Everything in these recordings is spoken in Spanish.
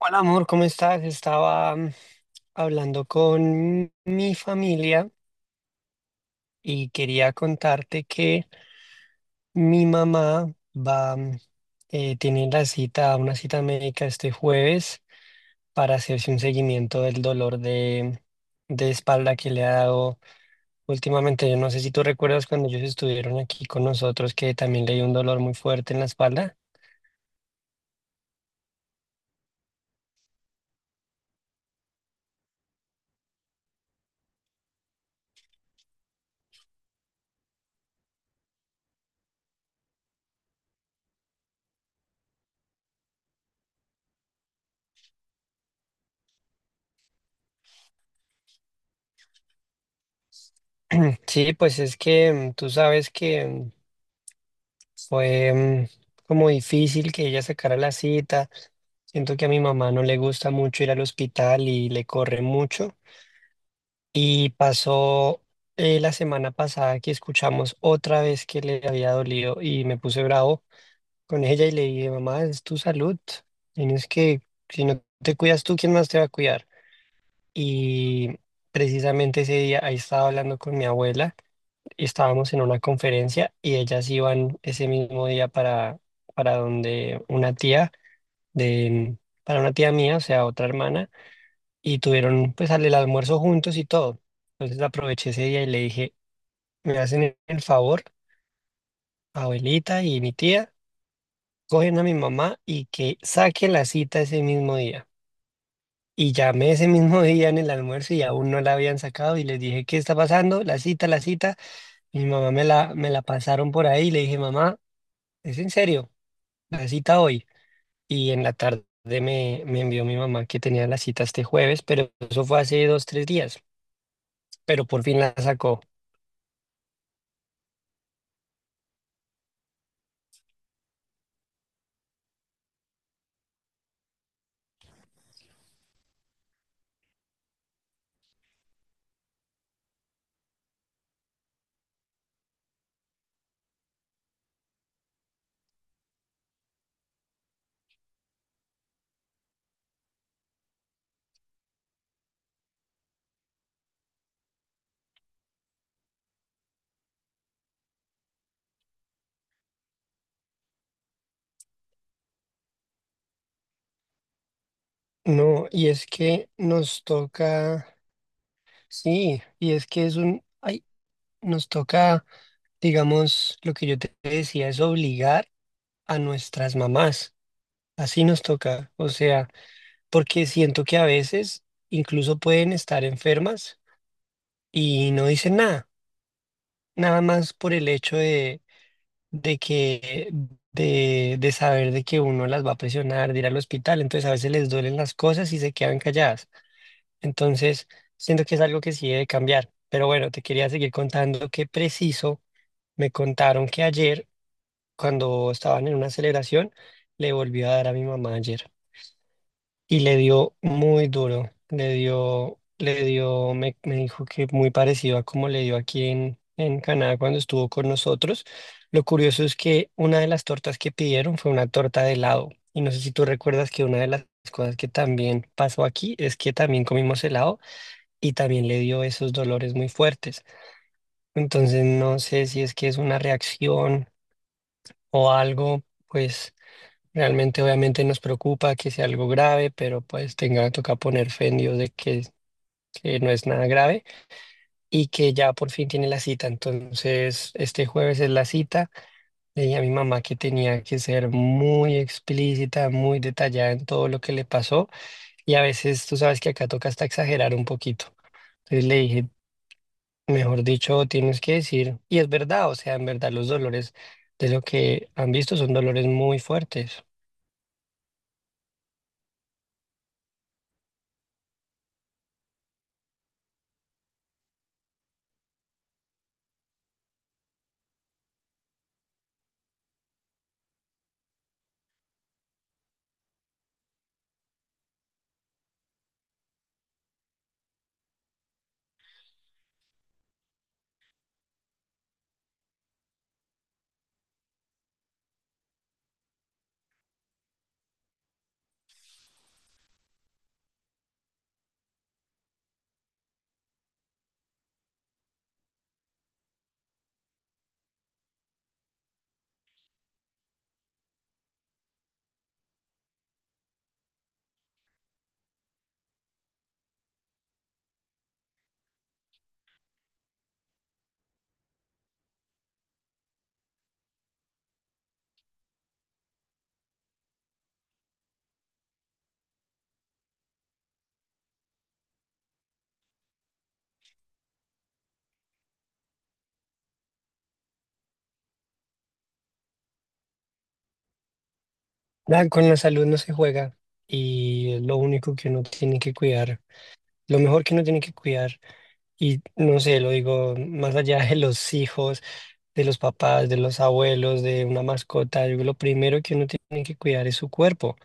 Hola amor, ¿cómo estás? Estaba hablando con mi familia y quería contarte que mi mamá va, tiene la cita, una cita médica este jueves para hacerse un seguimiento del dolor de espalda que le ha dado últimamente. Yo no sé si tú recuerdas cuando ellos estuvieron aquí con nosotros que también le dio un dolor muy fuerte en la espalda. Sí, pues es que tú sabes que fue como difícil que ella sacara la cita. Siento que a mi mamá no le gusta mucho ir al hospital y le corre mucho. Y pasó la semana pasada que escuchamos otra vez que le había dolido y me puse bravo con ella y le dije, mamá, es tu salud. Tienes que, si no te cuidas tú, ¿quién más te va a cuidar? Y precisamente ese día ahí estaba hablando con mi abuela y estábamos en una conferencia y ellas iban ese mismo día para donde una tía de, para una tía mía, o sea, otra hermana, y tuvieron pues el almuerzo juntos y todo. Entonces aproveché ese día y le dije, me hacen el favor, abuelita y mi tía, cogen a mi mamá y que saque la cita ese mismo día. Y llamé ese mismo día en el almuerzo y aún no la habían sacado y les dije, ¿qué está pasando? La cita, la cita. Mi mamá me la pasaron por ahí y le dije, mamá, ¿es en serio? La cita hoy. Y en la tarde me envió mi mamá que tenía la cita este jueves, pero eso fue hace dos, tres días, pero por fin la sacó. No, y es que nos toca, sí, y es que es un, ay, nos toca, digamos, lo que yo te decía, es obligar a nuestras mamás. Así nos toca, o sea, porque siento que a veces incluso pueden estar enfermas y no dicen nada, nada más por el hecho de que de saber de que uno las va a presionar, de ir al hospital, entonces a veces les duelen las cosas y se quedan calladas. Entonces, siento que es algo que sí debe cambiar. Pero bueno, te quería seguir contando que preciso me contaron que ayer, cuando estaban en una celebración, le volvió a dar a mi mamá ayer y le dio muy duro, le dio, me dijo que muy parecido a como le dio aquí en Canadá cuando estuvo con nosotros. Lo curioso es que una de las tortas que pidieron fue una torta de helado. Y no sé si tú recuerdas que una de las cosas que también pasó aquí es que también comimos helado y también le dio esos dolores muy fuertes. Entonces no sé si es que es una reacción o algo, pues realmente, obviamente nos preocupa que sea algo grave, pero pues tenga, toca poner fe en Dios de que no es nada grave y que ya por fin tiene la cita. Entonces, este jueves es la cita. Le dije a mi mamá que tenía que ser muy explícita, muy detallada en todo lo que le pasó y a veces tú sabes que acá toca hasta exagerar un poquito. Entonces le dije, mejor dicho, tienes que decir, y es verdad, o sea, en verdad los dolores de lo que han visto son dolores muy fuertes. Nada, con la salud no se juega y es lo único que uno tiene que cuidar, lo mejor que uno tiene que cuidar. Y no sé, lo digo más allá de los hijos, de los papás, de los abuelos, de una mascota. Yo creo que lo primero que uno tiene que cuidar es su cuerpo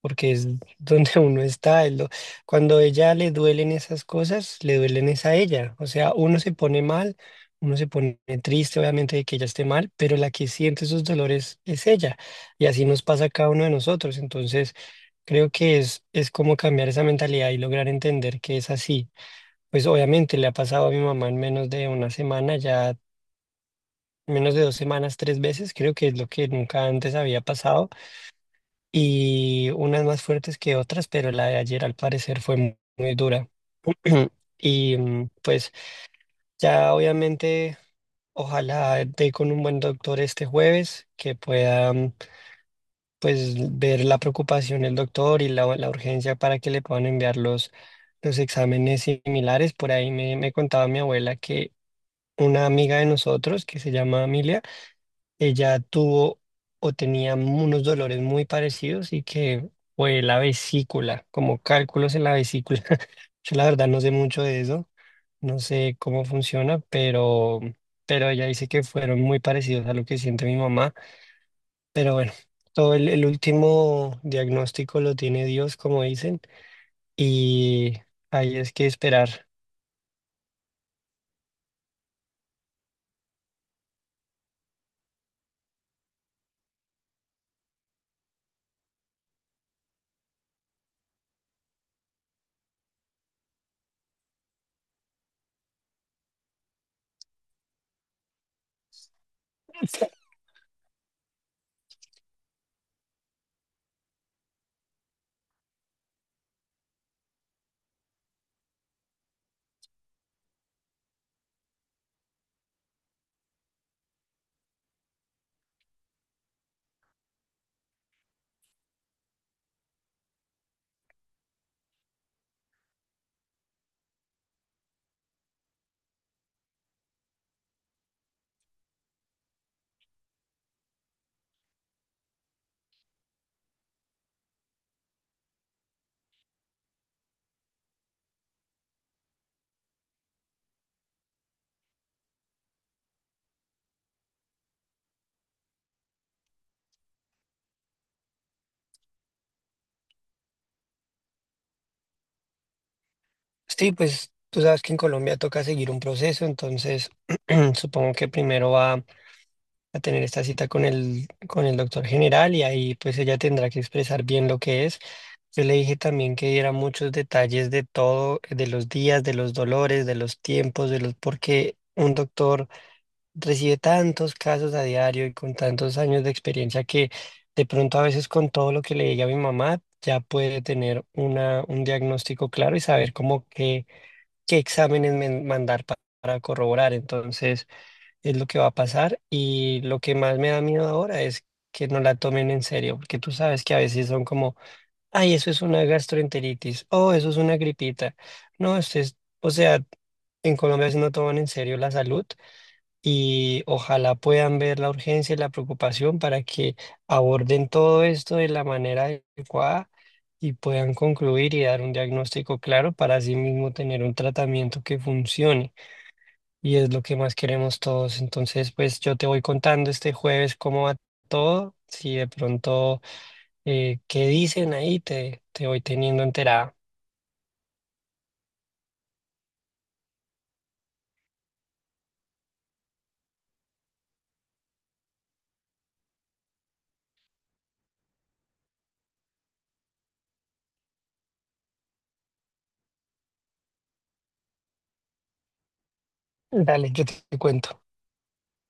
porque es donde uno está. Cuando a ella le duelen esas cosas, le duelen es a ella. O sea, uno se pone mal, uno se pone triste, obviamente, de que ella esté mal, pero la que siente esos dolores es ella. Y así nos pasa a cada uno de nosotros. Entonces, creo que es como cambiar esa mentalidad y lograr entender que es así. Pues obviamente le ha pasado a mi mamá en menos de una semana, ya menos de dos semanas, tres veces, creo que es lo que nunca antes había pasado, y unas más fuertes que otras, pero la de ayer al parecer fue muy dura. Y pues ya obviamente ojalá dé con un buen doctor este jueves que pueda pues ver la preocupación del doctor y la urgencia para que le puedan enviar los exámenes similares. Por ahí me contaba mi abuela que una amiga de nosotros que se llama Amelia, ella tuvo o tenía unos dolores muy parecidos y que fue la vesícula, como cálculos en la vesícula. Yo la verdad no sé mucho de eso, no sé cómo funciona, pero ella dice que fueron muy parecidos a lo que siente mi mamá. Pero bueno, todo el último diagnóstico lo tiene Dios, como dicen, y ahí es que esperar. Sí, pues tú sabes que en Colombia toca seguir un proceso, entonces supongo que primero va a tener esta cita con el doctor general y ahí pues ella tendrá que expresar bien lo que es. Yo le dije también que diera muchos detalles de todo, de los días, de los dolores, de los tiempos, de los, porque un doctor recibe tantos casos a diario y con tantos años de experiencia que de pronto a veces con todo lo que le diga a mi mamá ya puede tener una, un diagnóstico claro y saber cómo qué, qué exámenes mandar para corroborar. Entonces es lo que va a pasar, y lo que más me da miedo ahora es que no la tomen en serio, porque tú sabes que a veces son como, ay, eso es una gastroenteritis, oh, eso es una gripita. No, esto es, o sea, en Colombia sí no toman en serio la salud y ojalá puedan ver la urgencia y la preocupación para que aborden todo esto de la manera adecuada y puedan concluir y dar un diagnóstico claro para así mismo tener un tratamiento que funcione, y es lo que más queremos todos. Entonces, pues yo te voy contando este jueves cómo va todo. Si de pronto, qué dicen ahí, te voy teniendo enterada. Dale, yo te cuento.